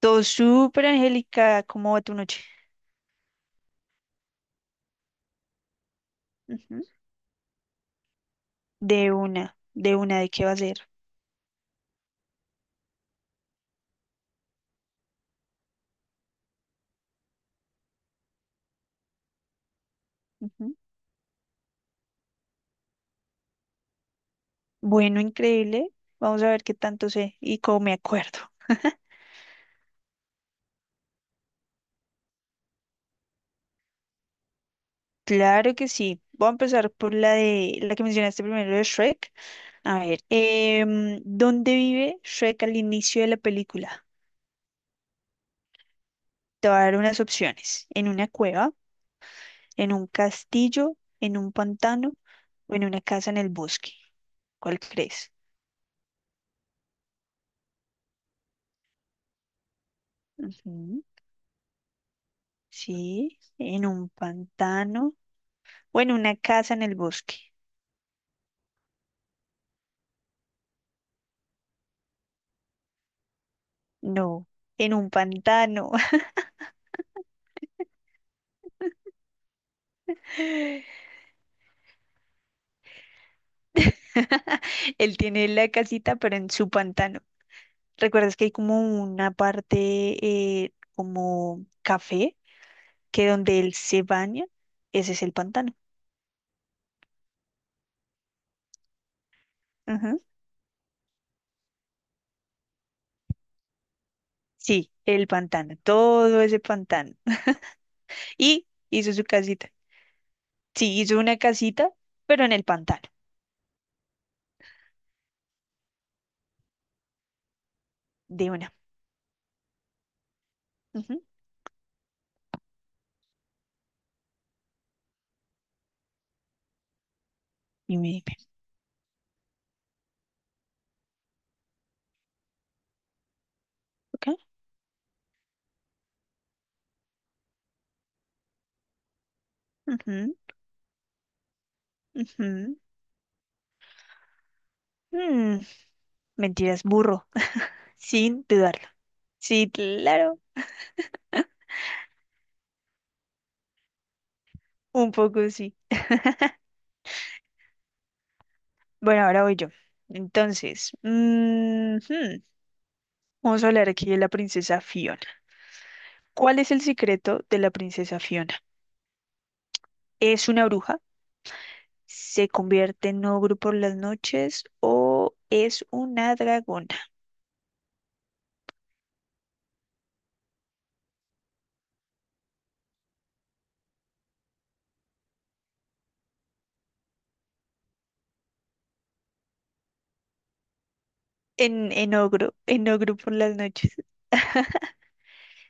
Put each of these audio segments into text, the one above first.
Todo súper Angélica, ¿cómo va tu noche? Ujú. De una, de una, ¿de qué va a ser? Ujú. Bueno, increíble. Vamos a ver qué tanto sé y cómo me acuerdo. Claro que sí. Voy a empezar por la de la que mencionaste primero de Shrek. A ver, ¿dónde vive Shrek al inicio de la película? Te voy a dar unas opciones. ¿En una cueva, en un castillo, en un pantano o en una casa en el bosque? ¿Cuál crees? Ujú. Sí, en un pantano o en una casa en el bosque. No, en un pantano. Él tiene la casita, pero en su pantano. ¿Recuerdas que hay como una parte como café, que donde él se baña? Ese es el pantano. Ajá. Sí, el pantano, todo ese pantano. Y hizo su casita. Sí, hizo una casita, pero en el pantano, de una. Ujú. Dime, dime. Ok. Ujú, ujú. Mm, mentiras, burro, sin dudarlo. Sí, claro, un poco sí. Bueno, ahora voy yo. Entonces, vamos a hablar aquí de la princesa Fiona. ¿Cuál es el secreto de la princesa Fiona? ¿Es una bruja? ¿Se convierte en ogro por las noches? ¿O es una dragona? En ogro por las noches.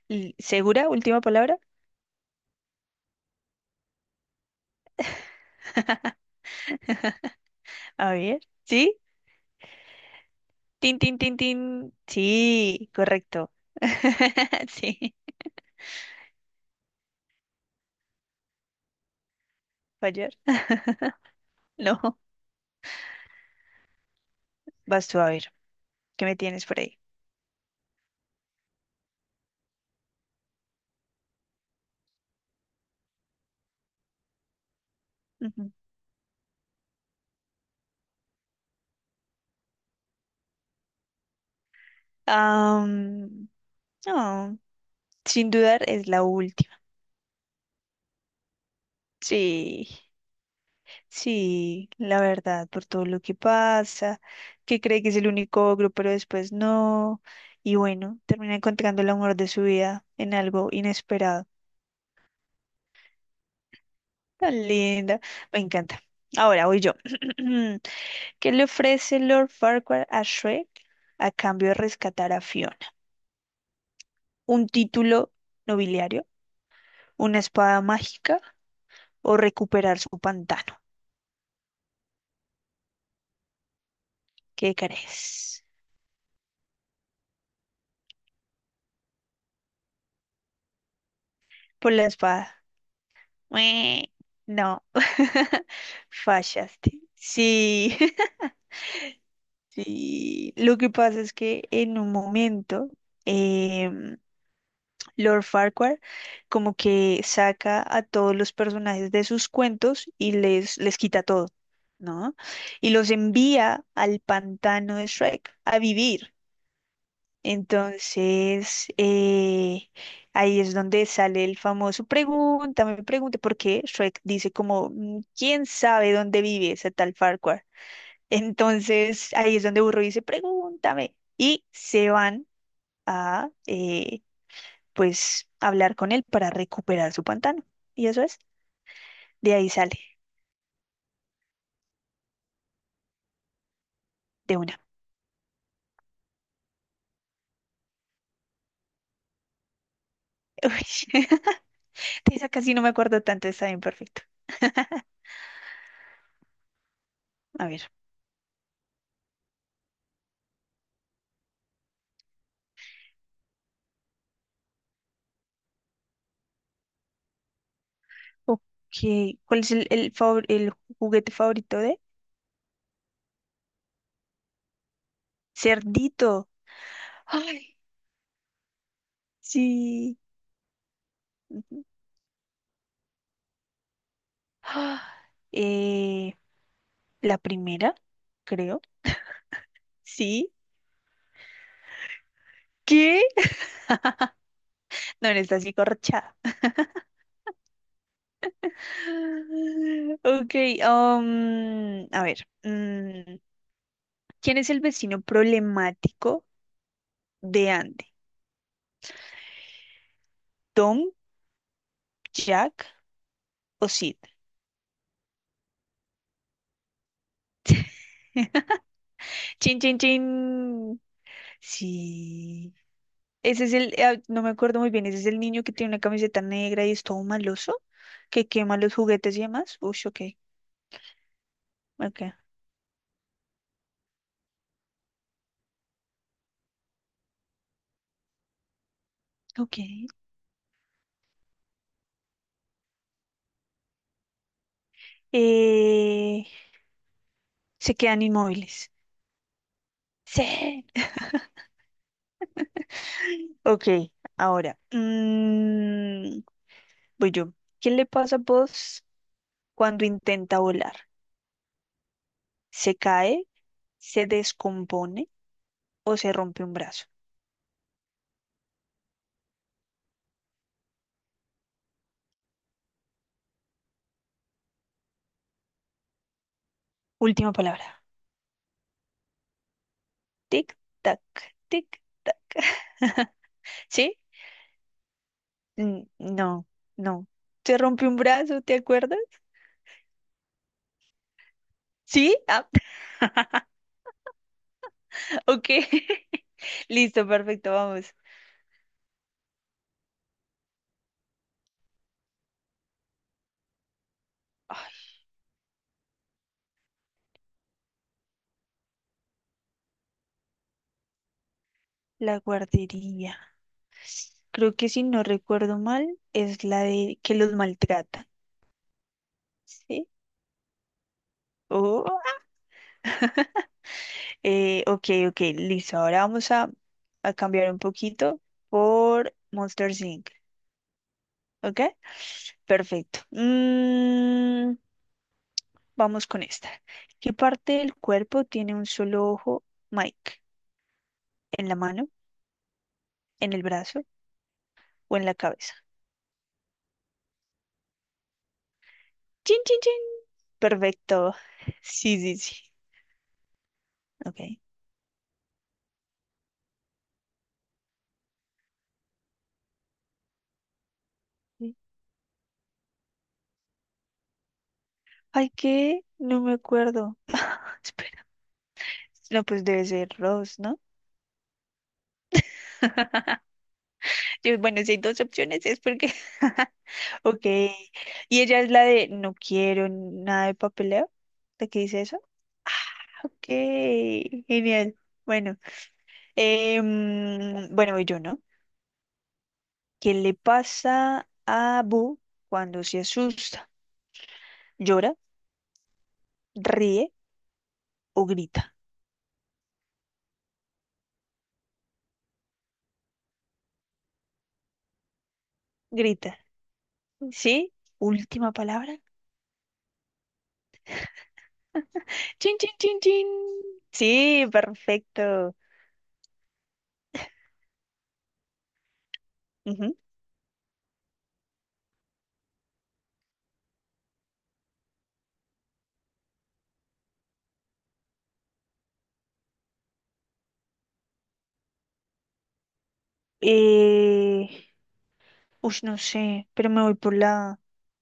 ¿Segura? Última palabra. A ver. ¿Sí? Tin, tin, tin, tin. Sí, correcto. Sí, fallar. No, vas tú a ver. ¿Qué me tienes por ahí? Ujú. Am, no, sin dudar es la última. Sí, sí, la verdad, por todo lo que pasa, que cree que es el único ogro, pero después no. Y bueno, termina encontrando el amor de su vida en algo inesperado. Tan linda. Me encanta. Ahora voy yo. ¿Qué le ofrece Lord Farquaad a Shrek a cambio de rescatar a Fiona? ¿Un título nobiliario? ¿Una espada mágica? ¿O recuperar su pantano? ¿Qué crees? Por la espada. Mue. No. Fallaste. Sí. Sí. Lo que pasa es que en un momento em, Lord Farquhar como que saca a todos los personajes de sus cuentos y les quita todo, ¿no? Y los envía al pantano de Shrek a vivir. Entonces, ahí es donde sale el famoso pregúntame, pregunte, porque Shrek dice como, "Mm, ¿quién sabe dónde vive ese tal Farquhar?" Entonces, ahí es donde Burro dice, pregúntame. Y se van a, pues hablar con él para recuperar su pantano. Y eso es, de ahí sale, de una. Uy, de esa casi no me acuerdo tanto, está bien perfecto. A ver, ok, ¿cuál es favor- el juguete favorito de? Cerdito. Ay, sí. Ujú. Ah, eh, la primera, creo. Sí. ¿Qué? No, no está así corchada. Ok, a ver. Mm, ¿quién es el vecino problemático de Andy? ¿Tom, Jack o Sid? Chin, chin, chin. Sí. Ese es el, ah, no me acuerdo muy bien, ese es el niño que tiene una camiseta negra y es todo maloso, que quema los juguetes y demás. Uy, ok, ok, ok. Eh, se quedan inmóviles. Sí. Ok, ahora. Mm, voy yo. ¿Qué le pasa a vos cuando intenta volar? Se cae, se descompone o se rompe un brazo. Última palabra. Tic, tac, tic, tac. ¿Sí? Mm, no, no. Se rompe un brazo, ¿te acuerdas? ¿Sí? Ah, ok. Listo, perfecto, vamos. Ay, la guardería. Creo que si no recuerdo mal, es la de que los maltratan. ¿Sí? Oh, ok, ok, listo. Ahora vamos a cambiar un poquito por Monsters Inc. ¿Ok? Perfecto. Mm, vamos con esta. ¿Qué parte del cuerpo tiene un solo ojo, Mike? ¿En la mano, en el brazo o en la cabeza? ¡Chin, chin, chin! Perfecto. Sí, sí, sí. Ok. Sí. Ay, ¿qué? No me acuerdo. Espera. No, pues debe ser Rose, ¿no? Yo, bueno, si hay dos opciones es porque... Ok. ¿Y ella es la de no quiero nada de papeleo? ¿De qué dice eso? Ok, genial. Bueno, bueno, voy yo, ¿no? ¿Qué le pasa a Boo cuando se asusta? ¿Llora, ríe o grita? Grita. ¿Sí? Última palabra. Chin, chin, chin, chin. Sí, perfecto. Ujú. Eh, ush, no sé, pero me voy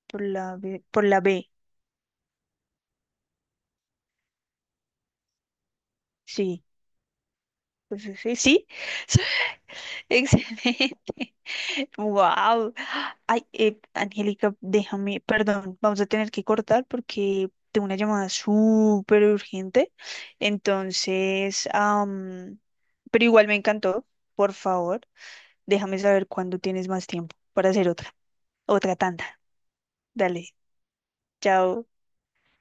por la B. Sí. Pues sí, sí, sí. Excelente. Wow. Ay, Angélica, déjame, perdón, vamos a tener que cortar porque tengo una llamada súper urgente. Entonces, pero igual me encantó. Por favor, déjame saber cuándo tienes más tiempo para hacer otra, otra tanda. Dale, chao.